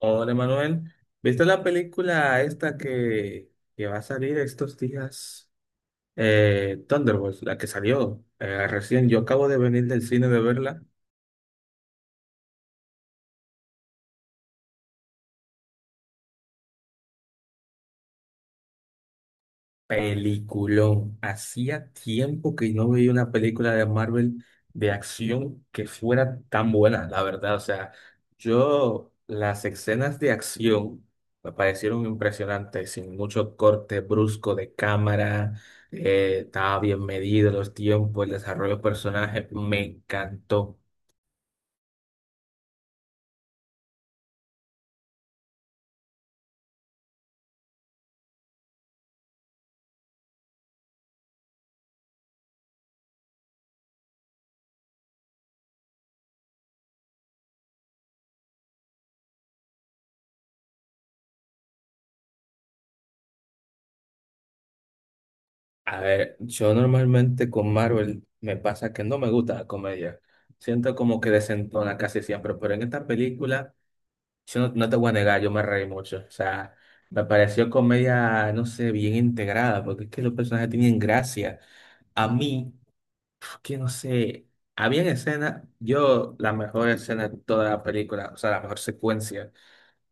Hola Manuel, ¿viste la película esta que va a salir estos días? Thunderbolts, la que salió recién. Yo acabo de venir del cine de verla. Peliculón. Hacía tiempo que no veía una película de Marvel de acción que fuera tan buena, la verdad. O sea, yo las escenas de acción me parecieron impresionantes, sin mucho corte brusco de cámara, estaba bien medido los tiempos, el desarrollo de personajes, me encantó. A ver, yo normalmente con Marvel me pasa que no me gusta la comedia. Siento como que desentona casi siempre, pero en esta película... Yo no te voy a negar, yo me reí mucho. O sea, me pareció comedia, no sé, bien integrada, porque es que los personajes tenían gracia. A mí, es que no sé, había escenas, yo la mejor escena de toda la película, o sea, la mejor secuencia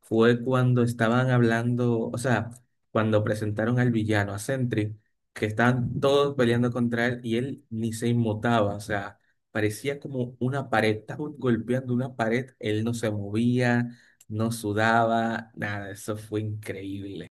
fue cuando estaban hablando, o sea, cuando presentaron al villano, a Sentry, que estaban todos peleando contra él y él ni se inmutaba, o sea, parecía como una pared, estaban golpeando una pared, él no se movía, no sudaba, nada, eso fue increíble.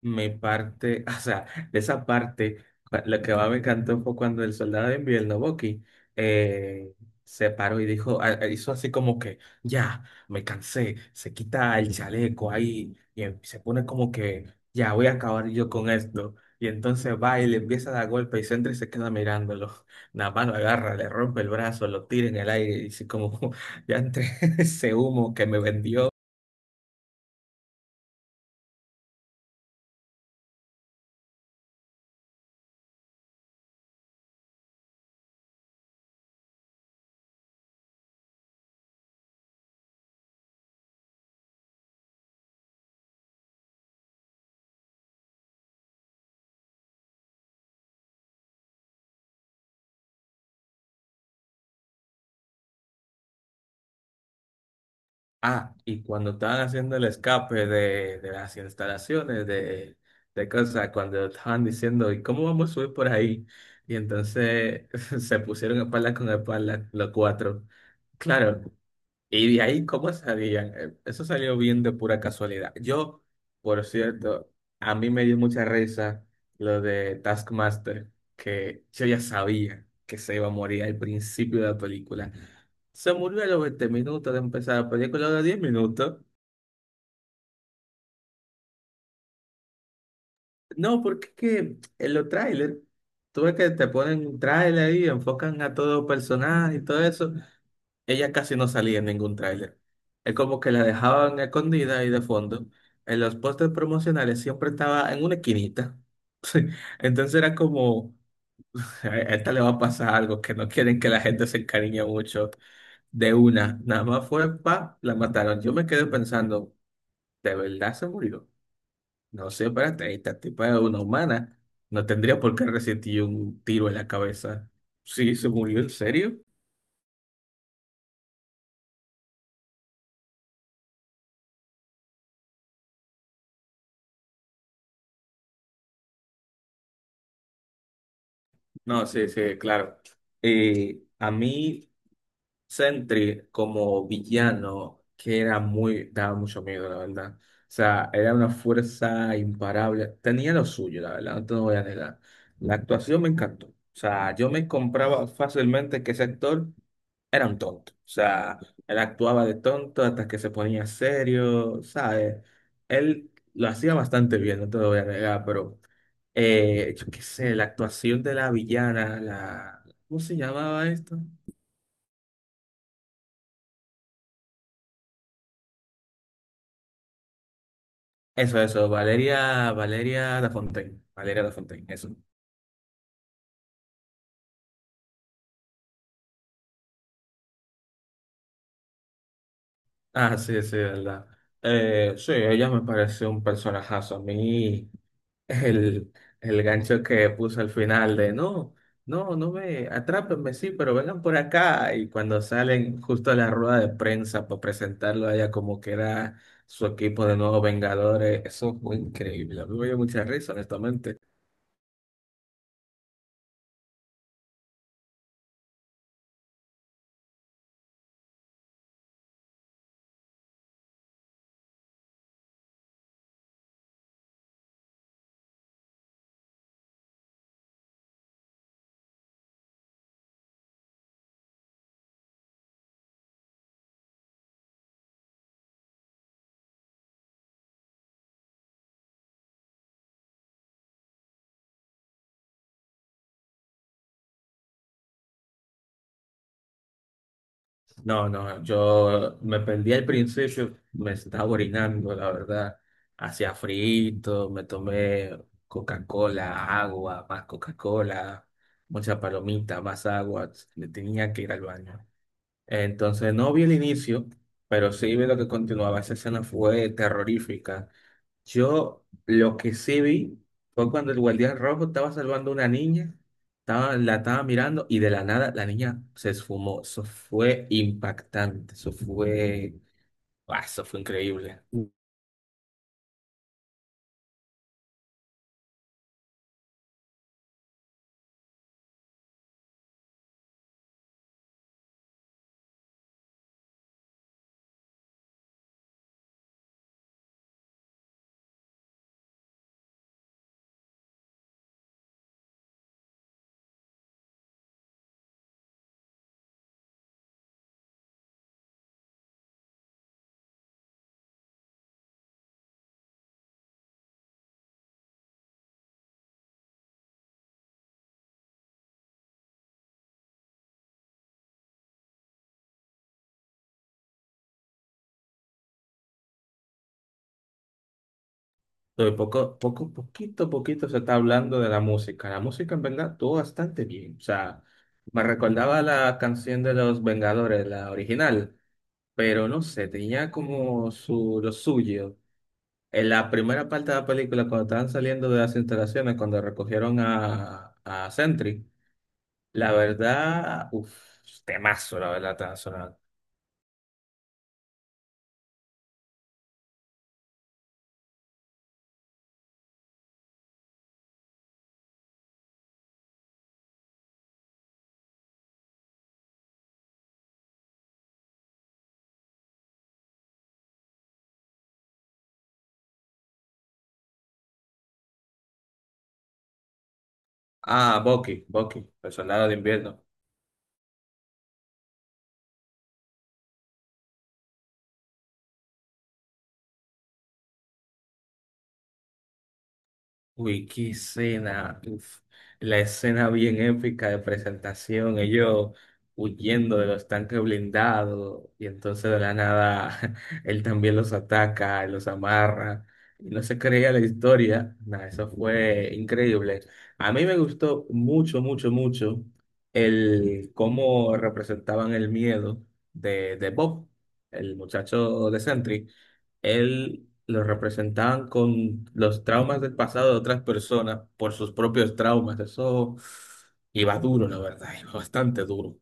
Me parte, o sea, de esa parte, lo que más me encantó fue cuando el soldado de invierno, Bucky, eh, se paró y dijo, hizo así como que, ya, me cansé, se quita el chaleco ahí y se pone como que, ya, voy a acabar yo con esto. Y entonces va y le empieza a dar golpe y Sentry se queda mirándolo. Nada más lo agarra, le rompe el brazo, lo tira en el aire y dice como, ya entre ese humo que me vendió. Ah, y cuando estaban haciendo el escape de las instalaciones de cosas, cuando estaban diciendo, ¿y cómo vamos a subir por ahí? Y entonces se pusieron espalda con espalda los cuatro. Claro, y de ahí, ¿cómo salían? Eso salió bien de pura casualidad. Yo, por cierto, a mí me dio mucha risa lo de Taskmaster, que yo ya sabía que se iba a morir al principio de la película. Se murió a los 20 minutos de empezar la película, a los 10 minutos. No, porque es que en los trailers, tú ves que te ponen un trailer y enfocan a todo personaje y todo eso. Ella casi no salía en ningún tráiler. Es como que la dejaban escondida y de fondo. En los pósters promocionales siempre estaba en una esquinita. Sí. Entonces era como, a esta le va a pasar algo, que no quieren que la gente se encariñe mucho de una. Nada más fue pa, la mataron. Yo me quedé pensando, ¿de verdad se murió? No sé, espérate, esta tipa es una humana. No tendría por qué resistir un tiro en la cabeza. Sí, se murió, ¿en serio? No, sí, sí, claro. A mí. Sentry como villano que era muy, daba mucho miedo, la verdad. O sea, era una fuerza imparable. Tenía lo suyo, la verdad, no te lo voy a negar. La actuación me encantó. O sea, yo me compraba fácilmente que ese actor era un tonto. O sea, él actuaba de tonto hasta que se ponía serio, ¿sabes? Él lo hacía bastante bien, no te lo voy a negar, pero yo qué sé, la actuación de la villana, la... ¿Cómo se llamaba esto? Eso, Valeria, Valeria da Fontaine, eso. Ah, sí, sí, verdad. Sí, ella me parece un personajazo. A mí, el, el gancho que puso al final de no me atrápenme, sí, pero vengan por acá. Y cuando salen justo a la rueda de prensa para presentarlo a ella como que era su equipo de nuevos Vengadores, eso fue increíble. A mí me dio mucha risa, honestamente. No, yo me perdí al principio, me estaba orinando, la verdad. Hacía frito, me tomé Coca-Cola, agua, más Coca-Cola, mucha palomita, más agua. Le tenía que ir al baño. Entonces no vi el inicio, pero sí vi lo que continuaba. Esa escena fue terrorífica. Yo lo que sí vi fue cuando el guardián rojo estaba salvando a una niña, estaba, la estaba mirando y de la nada la niña se esfumó. Eso fue impactante, eso fue, ah, eso fue increíble. Pero poco, poco, poquito, poquito se está hablando de la música. La música en verdad estuvo bastante bien. O sea, me recordaba la canción de los Vengadores, la original, pero no sé, tenía como su, lo suyo. En la primera parte de la película, cuando estaban saliendo de las instalaciones, cuando recogieron a Sentry, la verdad, uff, temazo, la verdad, estaba sonando. Ah, Bucky, el soldado de invierno. Uy, qué escena, uf, la escena bien épica de presentación, ellos huyendo de los tanques blindados y entonces de la nada él también los ataca, los amarra y no se creía la historia, nada, eso fue increíble. A mí me gustó mucho, mucho, mucho el cómo representaban el miedo de Bob, el muchacho de Sentry él lo representaban con los traumas del pasado de otras personas por sus propios traumas. Eso iba duro, la verdad, iba bastante duro.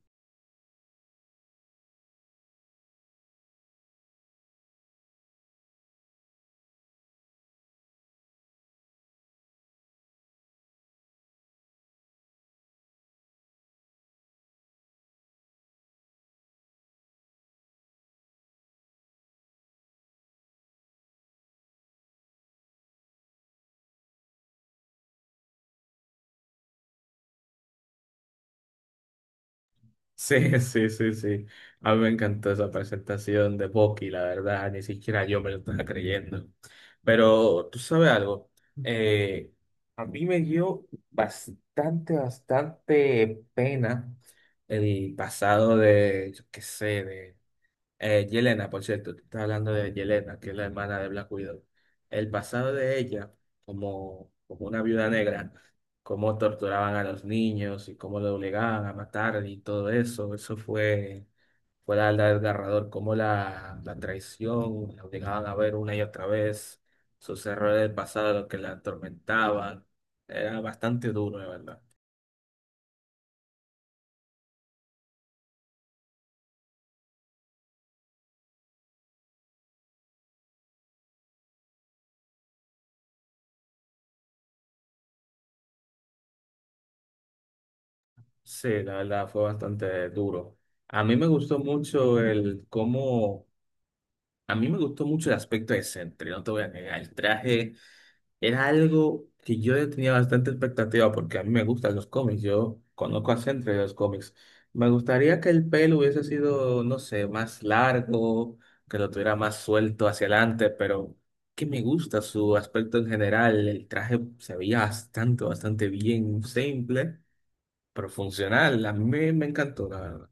Sí, sí, sí, sí. A mí me encantó esa presentación de Bucky, la verdad, ni siquiera yo me lo estaba creyendo. Pero tú sabes algo, eh, a mí me dio bastante, bastante pena el pasado de, yo qué sé, de... Yelena, por cierto, tú estás hablando de Yelena, que es la hermana de Black Widow. El pasado de ella, como una viuda negra, cómo torturaban a los niños y cómo lo obligaban a matar y todo eso, eso fue, fue la verdad desgarrador, cómo la traición, la obligaban a ver una y otra vez, sus errores del pasado, lo que la atormentaban. Era bastante duro, de verdad. Sí, la verdad fue bastante duro. A mí me gustó mucho el cómo A mí me gustó mucho el aspecto de Sentry, no te voy a negar. El traje era algo que yo le tenía bastante expectativa porque a mí me gustan los cómics. Yo conozco a Sentry de los cómics. Me gustaría que el pelo hubiese sido, no sé, más largo, que lo tuviera más suelto hacia adelante, pero que me gusta su aspecto en general. El traje se veía bastante, bastante bien, simple, pero funcional. A mí me encantó, la verdad.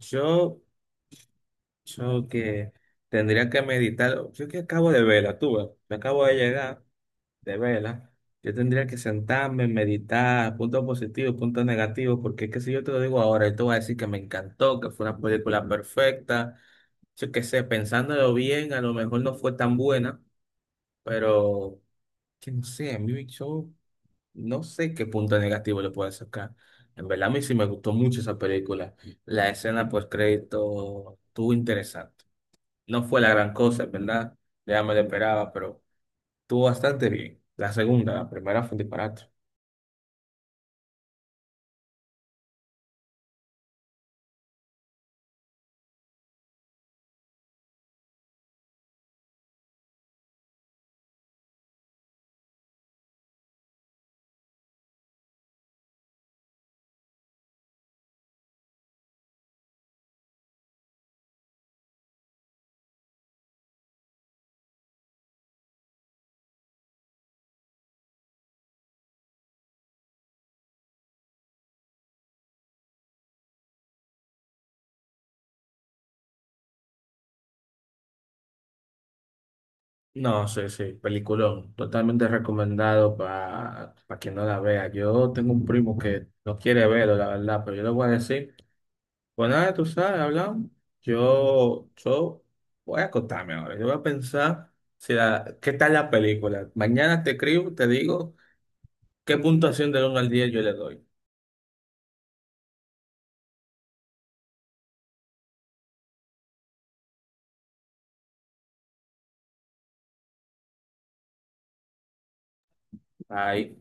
Yo. Yo que tendría que meditar. Yo que acabo de verla, tú ves. Me acabo de llegar de verla. Yo tendría que sentarme, meditar, puntos positivos, puntos negativos, porque es que si yo te lo digo ahora, yo te voy a decir que me encantó, que fue una película perfecta. Yo que sé, pensándolo bien, a lo mejor no fue tan buena, pero que no sé, a mí yo no sé qué punto negativo le puedo sacar. En verdad, a mí sí me gustó mucho esa película. La escena post crédito estuvo interesante. No fue la gran cosa, en ¿verdad? Ya me lo esperaba, pero estuvo bastante bien. La segunda, la primera fue un disparate. No, sí, sí, peliculón. Totalmente recomendado para quien no la vea. Yo tengo un primo que no quiere verlo, la verdad, pero yo le voy a decir, pues nada, tú sabes, hablamos. Yo voy a acostarme ahora. Yo voy a pensar si la- qué tal la película. Mañana te escribo, te digo qué puntuación del uno al 10 yo le doy. Ahí.